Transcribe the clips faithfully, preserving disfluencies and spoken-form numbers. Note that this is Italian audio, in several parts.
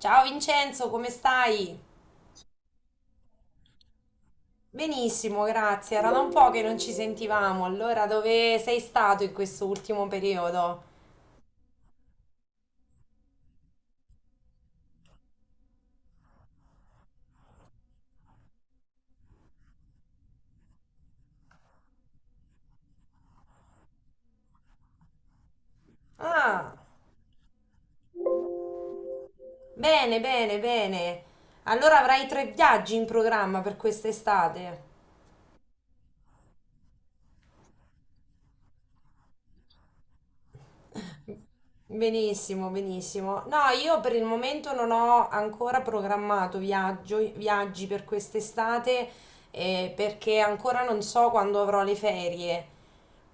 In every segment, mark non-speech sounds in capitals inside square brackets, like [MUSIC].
Ciao Vincenzo, come stai? Benissimo, grazie. Era da un po' che non ci sentivamo. Allora, dove sei stato in questo ultimo periodo? Ah, bene, bene, bene. Allora avrai tre viaggi in programma per quest'estate. Benissimo, benissimo. No, io per il momento non ho ancora programmato viaggio, viaggi per quest'estate, eh, perché ancora non so quando avrò le ferie.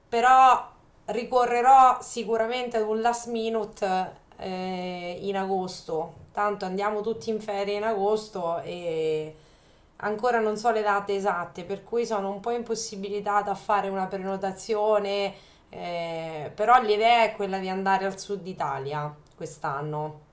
Però ricorrerò sicuramente ad un last minute, eh, in agosto. Tanto andiamo tutti in ferie in agosto e ancora non so le date esatte, per cui sono un po' impossibilitata a fare una prenotazione. Eh, però l'idea è quella di andare al sud Italia quest'anno.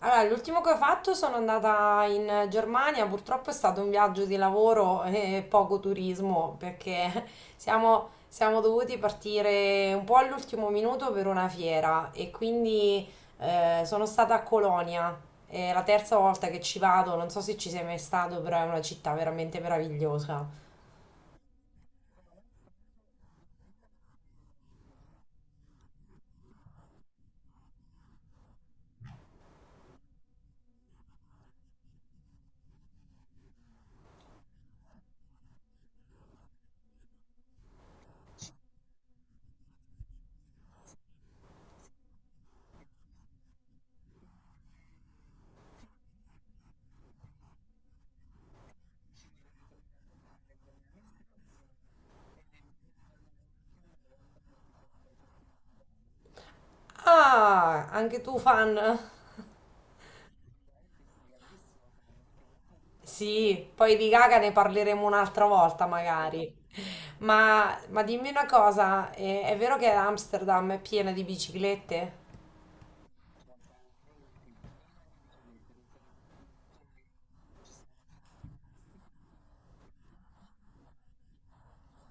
Allora, l'ultimo che ho fatto sono andata in Germania, purtroppo è stato un viaggio di lavoro [LAUGHS] e poco turismo perché [LAUGHS] siamo, siamo dovuti partire un po' all'ultimo minuto per una fiera e quindi eh, sono stata a Colonia. È la terza volta che ci vado, non so se ci sei mai stato, però è una città veramente meravigliosa. Ah, anche tu fan? [LAUGHS] Sì, poi di Gaga ne parleremo un'altra volta magari. Ma, ma dimmi una cosa, eh, è vero che Amsterdam è piena di biciclette?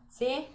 Sì?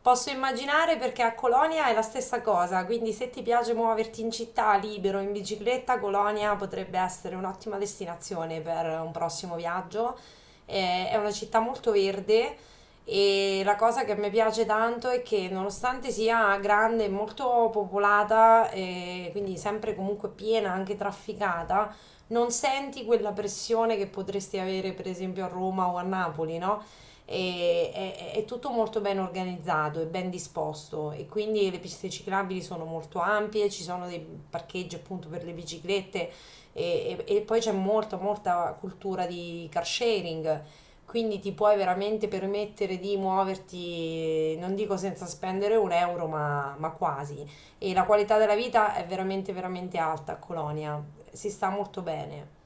Posso immaginare perché a Colonia è la stessa cosa, quindi se ti piace muoverti in città libero in bicicletta, Colonia potrebbe essere un'ottima destinazione per un prossimo viaggio. Eh, È una città molto verde, e la cosa che mi piace tanto è che nonostante sia grande e molto popolata, eh, quindi sempre comunque piena, anche trafficata, non senti quella pressione che potresti avere per esempio a Roma o a Napoli, no? e, è, è tutto molto ben organizzato e ben disposto, e quindi le piste ciclabili sono molto ampie, ci sono dei parcheggi appunto per le biciclette e, e- e poi c'è molta molta cultura di car sharing. Quindi ti puoi veramente permettere di muoverti, non dico senza spendere un euro, ma, ma quasi. E la qualità della vita è veramente, veramente alta a Colonia. Si sta molto bene.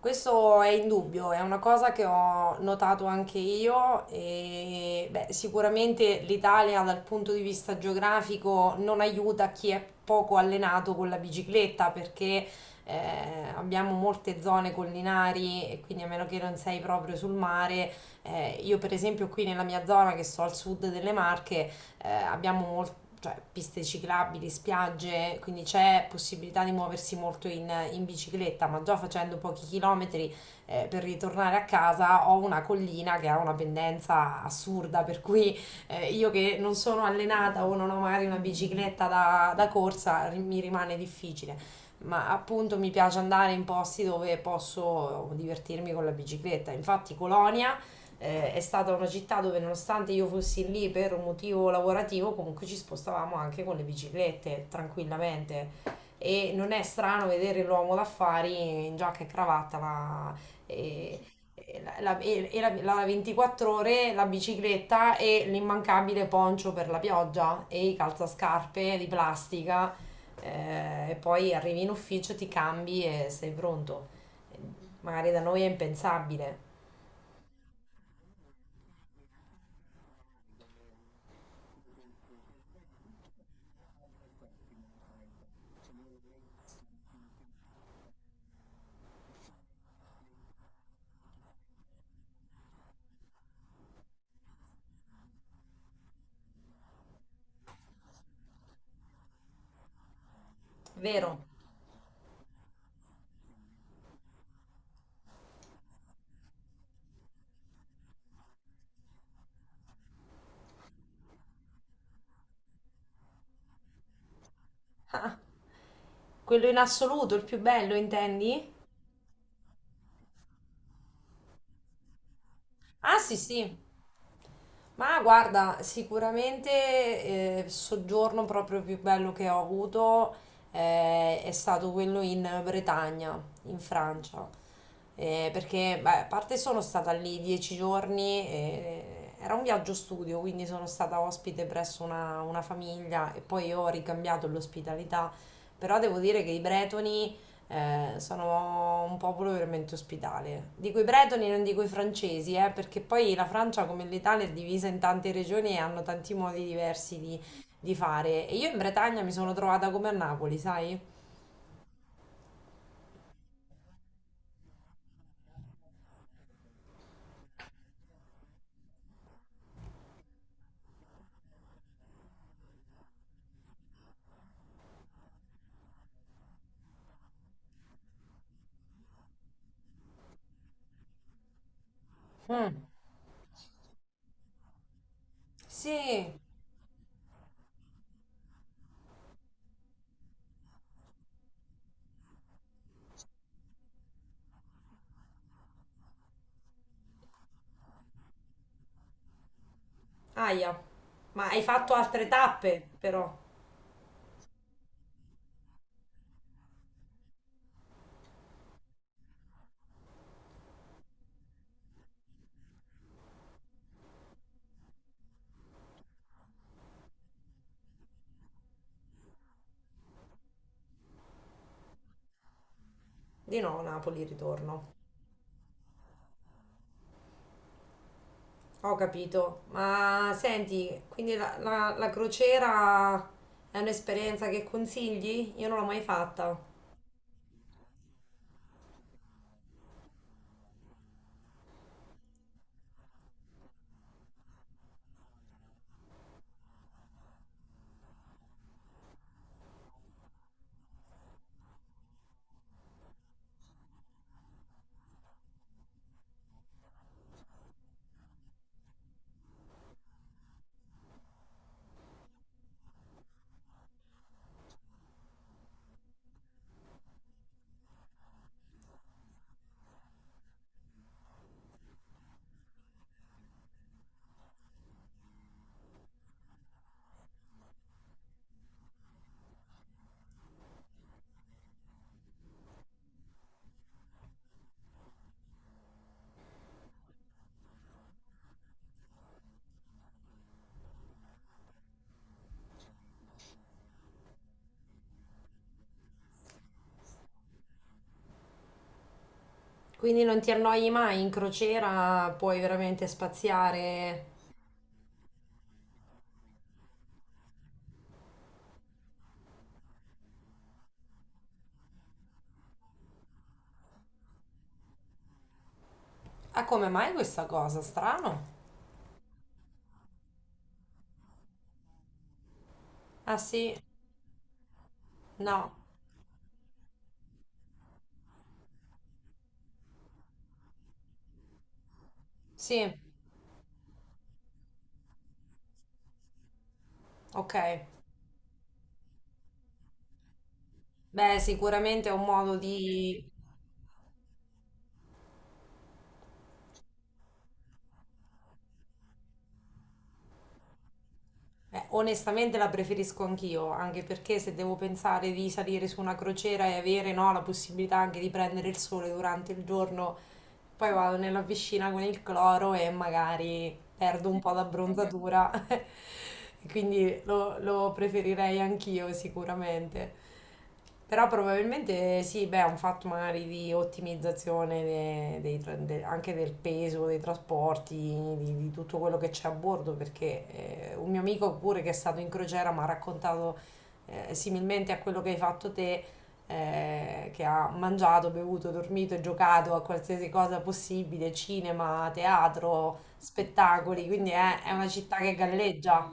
Questo è indubbio, è una cosa che ho notato anche io, e beh, sicuramente l'Italia dal punto di vista geografico non aiuta chi è poco allenato con la bicicletta perché eh, abbiamo molte zone collinari, e quindi a meno che non sei proprio sul mare, eh, io per esempio qui nella mia zona che sto al sud delle Marche eh, abbiamo molti, cioè piste ciclabili, spiagge, quindi c'è possibilità di muoversi molto in, in bicicletta, ma già facendo pochi chilometri eh, per ritornare a casa ho una collina che ha una pendenza assurda, per cui eh, io che non sono allenata o non ho magari una bicicletta da, da corsa ri- mi rimane difficile. Ma appunto mi piace andare in posti dove posso divertirmi con la bicicletta. Infatti Colonia eh, è stata una città dove nonostante io fossi lì per un motivo lavorativo, comunque ci spostavamo anche con le biciclette tranquillamente. E non è strano vedere l'uomo d'affari in giacca e cravatta, ma eh, e la, la- e- e la- la ventiquattro ore, la bicicletta e l'immancabile poncio per la pioggia e i calzascarpe di plastica. Eh, e poi arrivi in ufficio, ti cambi e sei pronto. Magari da noi è impensabile. Vero? Quello in assoluto, il più bello, intendi? Ah, sì, sì. Ma guarda, sicuramente eh, il soggiorno proprio più bello che ho avuto eh, è stato quello in Bretagna, in Francia. Eh, perché, beh, a parte sono stata lì dieci giorni, eh, era un viaggio studio, quindi sono stata ospite presso una, una famiglia e poi ho ricambiato l'ospitalità. Però devo dire che i bretoni Eh, sono un popolo veramente ospitale. Dico i bretoni, non dico i francesi, eh, perché poi la Francia, come l'Italia, è divisa in tante regioni e hanno tanti modi diversi di, di fare. E io in Bretagna mi sono trovata come a Napoli, sai? Mm. Sì, aia. Ma hai fatto altre tappe, però. Di no, Napoli ritorno. Ho capito. Ma senti, quindi la, la la crociera è un'esperienza che consigli? Io non l'ho mai fatta. Quindi non ti annoi mai in crociera, puoi veramente spaziare. Ah, come mai questa cosa? Strano. Ah sì, no, sì, ok. Beh, sicuramente è un modo di... eh, Onestamente la preferisco anch'io, anche perché se devo pensare di salire su una crociera e avere, no, la possibilità anche di prendere il sole durante il giorno. Poi vado nella piscina con il cloro e magari perdo un po' d'abbronzatura. [LAUGHS] E Quindi lo, lo preferirei anch'io sicuramente. Però probabilmente sì, beh, è un fatto magari di ottimizzazione de- dei tra- de- anche del peso, dei trasporti, di, di tutto quello che c'è a bordo, perché eh, un mio amico pure che è stato in crociera mi ha raccontato, eh, similmente a quello che hai fatto te, eh, che ha mangiato, bevuto, dormito e giocato a qualsiasi cosa possibile, cinema, teatro, spettacoli, quindi è, è una città che galleggia.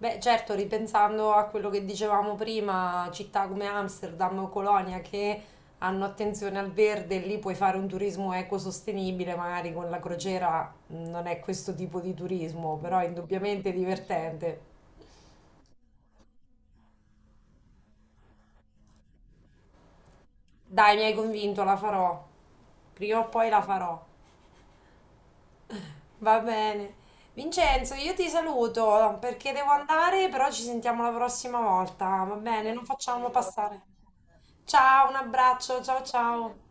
Beh, certo, ripensando a quello che dicevamo prima, città come Amsterdam o Colonia che hanno attenzione al verde, lì puoi fare un turismo ecosostenibile, magari con la crociera mh, non è questo tipo di turismo, però è indubbiamente divertente. Dai, mi hai convinto, la farò. Prima o poi la farò. Va bene. Vincenzo, io ti saluto perché devo andare, però ci sentiamo la prossima volta, va bene? Non facciamo passare. Ciao, un abbraccio, ciao ciao.